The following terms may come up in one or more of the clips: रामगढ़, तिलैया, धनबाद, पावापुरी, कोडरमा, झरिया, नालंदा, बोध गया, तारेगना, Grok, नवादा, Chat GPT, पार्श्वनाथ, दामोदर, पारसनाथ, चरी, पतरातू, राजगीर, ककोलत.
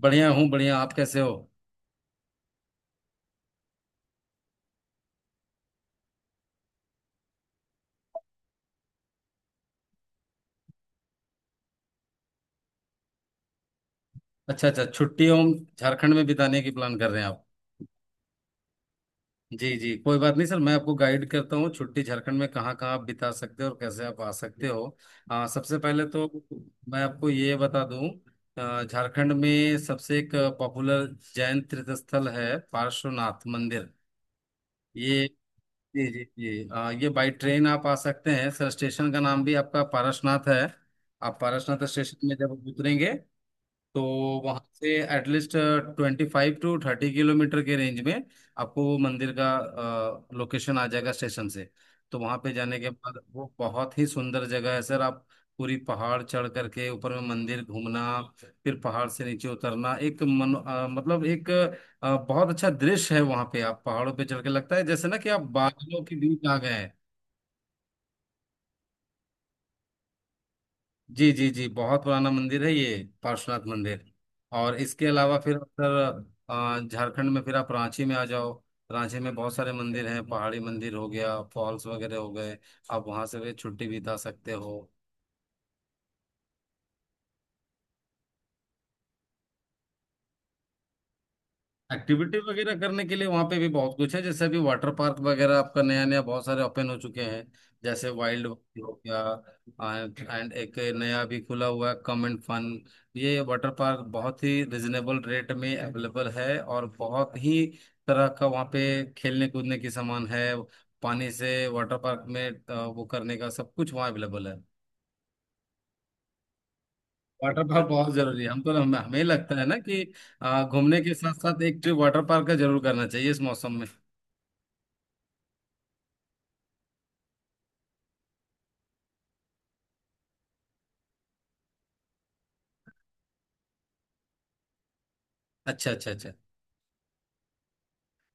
बढ़िया हूँ बढ़िया। आप कैसे हो? अच्छा अच्छा, छुट्टी हम झारखंड में बिताने की प्लान कर रहे हैं आप? जी जी, कोई बात नहीं सर, मैं आपको गाइड करता हूँ, छुट्टी झारखंड में कहाँ कहाँ आप बिता सकते हो और कैसे आप आ सकते हो। सबसे पहले तो मैं आपको ये बता दूँ, झारखंड में सबसे एक पॉपुलर जैन तीर्थ स्थल है पार्श्वनाथ मंदिर ये। जी जी जी, ये बाई ट्रेन आप आ सकते हैं सर, स्टेशन का नाम भी आपका पारसनाथ है। आप पारसनाथ स्टेशन में जब उतरेंगे तो वहां से एटलीस्ट 25 से 30 किलोमीटर के रेंज में आपको वो मंदिर का लोकेशन आ जाएगा स्टेशन से। तो वहां पे जाने के बाद वो बहुत ही सुंदर जगह है सर। आप पूरी पहाड़ चढ़ करके ऊपर में मंदिर घूमना फिर पहाड़ से नीचे उतरना, एक मन अ, मतलब एक अ, बहुत अच्छा दृश्य है। वहां पे आप पहाड़ों पे चढ़ के लगता है जैसे ना कि आप बादलों के बीच आ गए। जी जी जी, बहुत पुराना मंदिर है ये, पार्श्वनाथ मंदिर। और इसके अलावा फिर सर, झारखंड में फिर आप रांची में आ जाओ। रांची में बहुत सारे मंदिर हैं, पहाड़ी मंदिर हो गया, फॉल्स वगैरह हो गए। आप वहां से भी छुट्टी बिता सकते हो। एक्टिविटी वगैरह करने के लिए वहां पे भी बहुत कुछ है, जैसे अभी वाटर पार्क वगैरह आपका नया नया बहुत सारे ओपन हो चुके हैं। जैसे वाइल्ड हो गया एंड एक नया भी खुला हुआ है कम एंड फन। ये वाटर पार्क बहुत ही रिजनेबल रेट में अवेलेबल है, और बहुत ही तरह का वहाँ पे खेलने कूदने की सामान है। पानी से वाटर पार्क में वो करने का सब कुछ वहाँ अवेलेबल है। वाटर पार्क बहुत जरूरी है, हमको हमें हमें लगता है ना कि घूमने के साथ साथ एक ट्रिप वाटर पार्क का जरूर करना चाहिए इस मौसम में। अच्छा अच्छा अच्छा।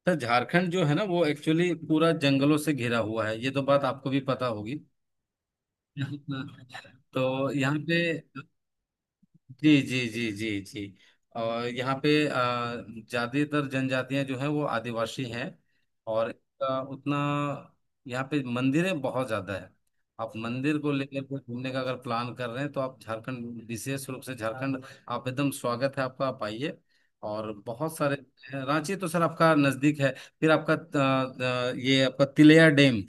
तो झारखंड जो है ना वो एक्चुअली पूरा जंगलों से घिरा हुआ है, ये तो बात आपको भी पता होगी। तो यहाँ पे जी जी जी जी जी, और यहाँ पे ज़्यादातर जनजातियाँ जो है वो आदिवासी हैं। और इसका उतना यहाँ पे मंदिरें बहुत ज़्यादा है। आप मंदिर को लेकर के घूमने का अगर प्लान कर रहे हैं तो आप झारखंड, विशेष रूप से झारखंड, आप एकदम स्वागत है आपका, आप आइए। और बहुत सारे रांची तो सर आपका नज़दीक है। फिर आपका ये आपका तिलैया डैम,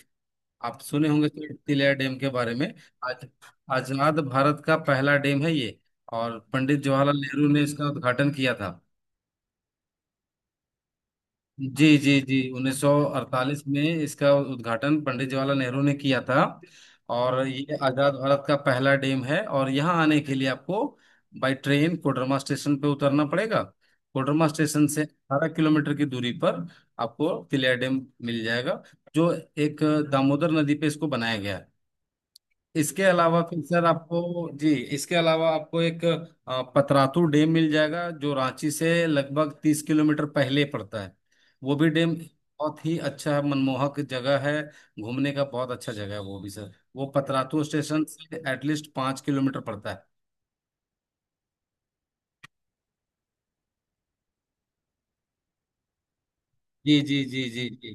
आप सुने होंगे तो तिलिया डैम के बारे में। आज आजाद भारत का पहला डैम है ये, और पंडित जवाहरलाल नेहरू ने इसका उद्घाटन किया था। जी जी जी, 1948 में इसका उद्घाटन पंडित जवाहरलाल नेहरू ने किया था। और ये आजाद भारत का पहला डैम है। और यहाँ आने के लिए आपको बाई ट्रेन कोडरमा स्टेशन पे उतरना पड़ेगा। कोडरमा स्टेशन से 18 किलोमीटर की दूरी पर आपको तिलिया डैम मिल जाएगा, जो एक दामोदर नदी पे इसको बनाया गया है। इसके अलावा फिर सर आपको, जी, इसके अलावा आपको एक पतरातू डैम मिल जाएगा, जो रांची से लगभग 30 किलोमीटर पहले पड़ता है। वो भी डैम बहुत ही अच्छा मनमोहक जगह है, घूमने का बहुत अच्छा जगह है वो भी सर। वो पतरातू स्टेशन से एटलीस्ट 5 किलोमीटर पड़ता है। जी जी जी जी जी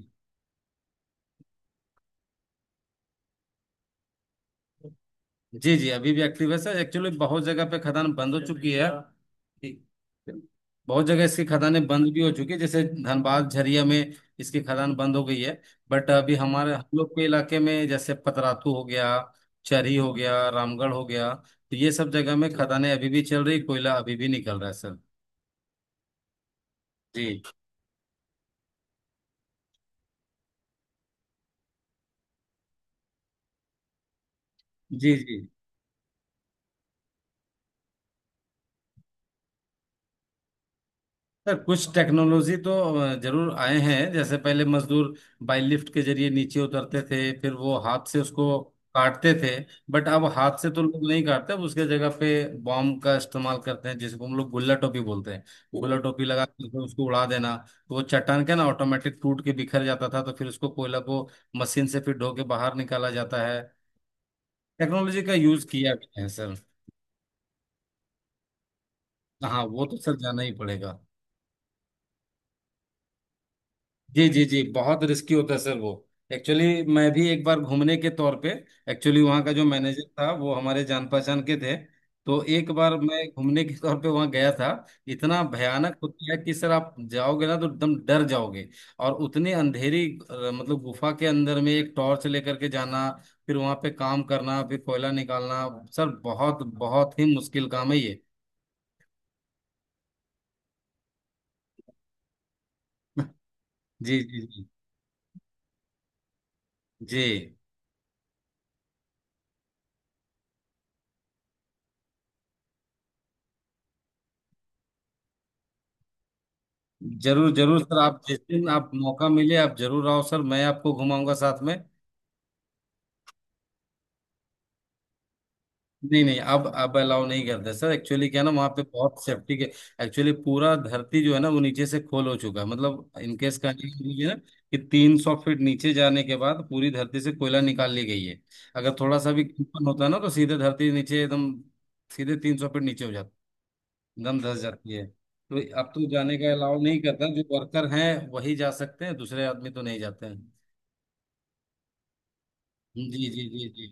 जी जी, अभी भी एक्टिव है सर। एक्चुअली बहुत जगह पे खदान बंद हो चुकी है, बहुत जगह इसकी खदानें बंद भी हो चुकी है, जैसे धनबाद झरिया में इसकी खदान बंद हो गई है। बट अभी हमारे हम लोग के इलाके में, जैसे पतरातू हो गया, चरी हो गया, रामगढ़ हो गया, तो ये सब जगह में खदानें अभी भी चल रही, कोयला अभी भी निकल रहा है सर। जी जी जी, सर कुछ टेक्नोलॉजी तो जरूर आए हैं। जैसे पहले मजदूर बाई लिफ्ट के जरिए नीचे उतरते थे, फिर वो हाथ से उसको काटते थे। बट अब हाथ से तो लोग नहीं काटते, अब उसके जगह पे बॉम्ब का इस्तेमाल करते हैं, जिसको हम लोग गुल्ला टोपी बोलते हैं। गुल्ला टोपी लगा के फिर उसको उड़ा देना, तो वो चट्टान का ना ऑटोमेटिक टूट के बिखर जाता था, तो फिर उसको कोयला को मशीन से फिर ढो के बाहर निकाला जाता है। टेक्नोलॉजी का यूज किया गया है सर। हाँ वो तो सर जाना ही पड़ेगा। जी जी जी, बहुत रिस्की होता है सर वो। एक्चुअली मैं भी एक बार घूमने के तौर पे, एक्चुअली वहाँ का जो मैनेजर था वो हमारे जान पहचान के थे, तो एक बार मैं घूमने के तौर पे वहाँ गया था। इतना भयानक होता है कि सर आप जाओगे ना तो एकदम डर जाओगे। और उतनी अंधेरी, मतलब गुफा के अंदर में एक टॉर्च लेकर के जाना, फिर वहाँ पे काम करना, फिर कोयला निकालना, सर बहुत बहुत ही मुश्किल काम है ये। जी जी जी जी। जरूर जरूर सर, आप जिस दिन आप मौका मिले आप जरूर आओ सर, मैं आपको घुमाऊंगा साथ में। नहीं नहीं, अब अलाउ नहीं करते सर। एक्चुअली क्या है ना, वहाँ पे बहुत सेफ्टी के, एक्चुअली पूरा धरती जो है ना वो नीचे से खोल हो चुका है, मतलब इनकेस का ये है ना, कि 300 फीट नीचे जाने के बाद पूरी धरती से कोयला निकाल ली गई है। अगर थोड़ा सा भी कंपन होता है ना तो सीधे धरती नीचे एकदम, सीधे 300 फीट नीचे हो जाती, एकदम धस जाती है। तो अब तो जाने का अलाउ नहीं करता, जो वर्कर हैं वही जा सकते हैं, दूसरे आदमी तो नहीं जाते हैं। जी जी जी जी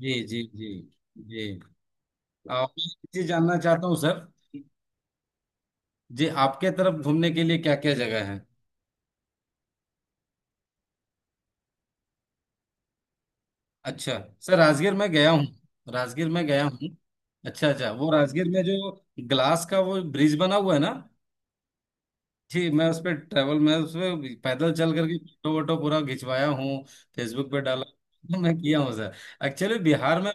जी जी जी जी। और मैं एक चीज जानना चाहता हूँ सर, जी आपके तरफ घूमने के लिए क्या क्या जगह है? अच्छा सर, राजगीर में गया हूँ, राजगीर में गया हूँ। अच्छा अच्छा, वो राजगीर में जो ग्लास का वो ब्रिज बना हुआ है ना, जी मैं उस पर ट्रैवल मैं उस पे पैदल चल करके फोटो वोटो पूरा खिंचवाया हूँ, फेसबुक पे डाला हूँ, मैं किया हूँ सर। एक्चुअली बिहार में,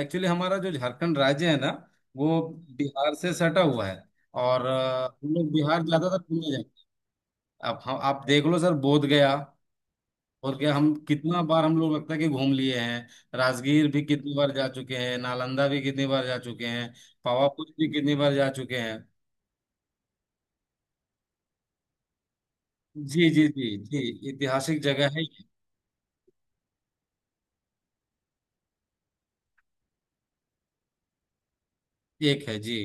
एक्चुअली हमारा जो झारखंड राज्य है ना वो बिहार से सटा हुआ है। और हम लोग बिहार ज्यादातर घूमने जाते हैं। अब हम आप देख लो सर, बोध गया, बोध गया हम कितना बार हम लोग लगता है कि घूम लिए हैं। राजगीर भी कितनी बार जा चुके हैं, नालंदा भी कितनी बार जा चुके हैं, पावापुरी भी कितनी बार जा चुके हैं। जी जी जी जी, ऐतिहासिक जगह है। एक है जी।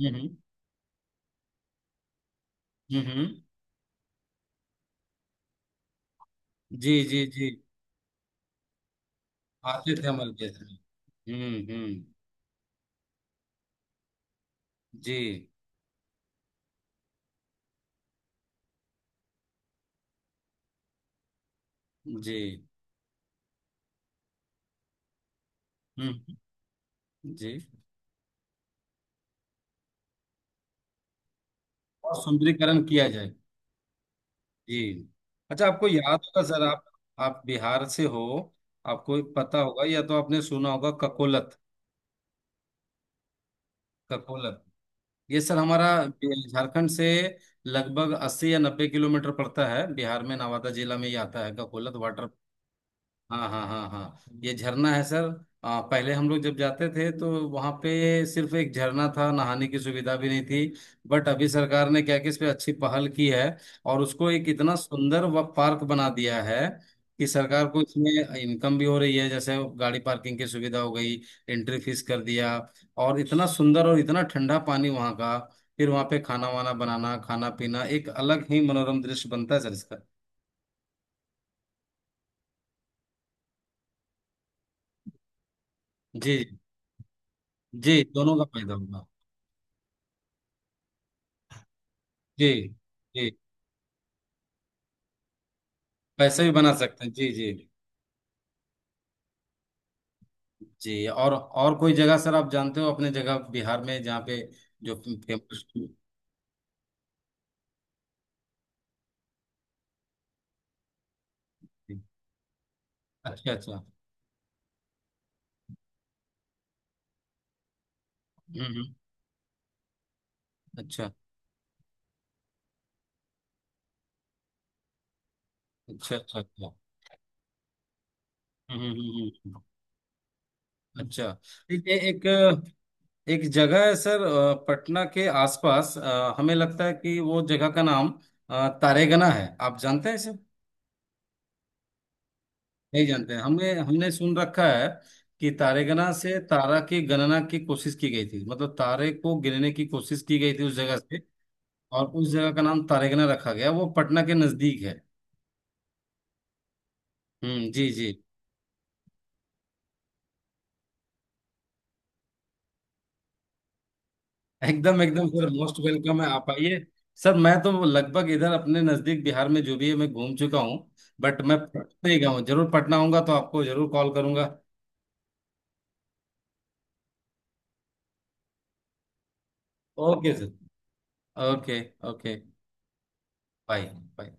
हम्म हम्म हम्म, जी जी जी, आसिफ अमल के थे। हम्म। जी जी। हम्म। जी। और सुंदरीकरण किया जाए, जी। अच्छा आपको याद होगा सर, आप बिहार से हो, आपको पता होगा या तो आपने सुना होगा ककोलत, ककोलत, ये सर हमारा झारखंड से लगभग 80 या 90 किलोमीटर पड़ता है। बिहार में नवादा जिला में ही आता है ककोलत वाटर। हाँ हाँ हाँ हाँ, ये झरना है सर। पहले हम लोग जब जाते थे तो वहाँ पे सिर्फ एक झरना था, नहाने की सुविधा भी नहीं थी। बट अभी सरकार ने क्या कि इस पे अच्छी पहल की है, और उसको एक इतना सुंदर व पार्क बना दिया है कि सरकार को इसमें इनकम भी हो रही है। जैसे गाड़ी पार्किंग की सुविधा हो गई, एंट्री फीस कर दिया। और इतना सुंदर और इतना ठंडा पानी वहाँ का, फिर वहाँ पे खाना वाना बनाना खाना पीना, एक अलग ही मनोरम दृश्य बनता है सर इसका। जी जी, दोनों का फायदा होगा। जी जी, पैसे भी बना सकते हैं जी जी। जी, और कोई जगह सर आप जानते हो अपने जगह बिहार में जहाँ पे जो फेमस? अच्छा अच्छा, हम्म हम्म, अच्छा अच्छा अच्छा अच्छा, हम्म हम्म, हम्म, हम्म, अच्छा। एक एक एक जगह है सर पटना के आसपास, हमें लगता है कि वो जगह का नाम तारेगना है, आप जानते हैं? नहीं जानते हैं। हमें, हमने सुन रखा है कि तारेगना से तारा की गणना की कोशिश की गई थी, मतलब तारे को गिनने की कोशिश की गई थी उस जगह से, और उस जगह का नाम तारेगना रखा गया। वो पटना के नजदीक है। जी जी। एकदम एकदम सर, मोस्ट वेलकम है आप आइए सर। मैं तो लगभग इधर अपने नजदीक बिहार में जो भी है मैं घूम चुका हूँ। बट मैं पटना ही गया हूँ, जरूर पटना आऊंगा तो आपको जरूर कॉल करूंगा। Okay sir. Okay. Okay. Bye. Bye.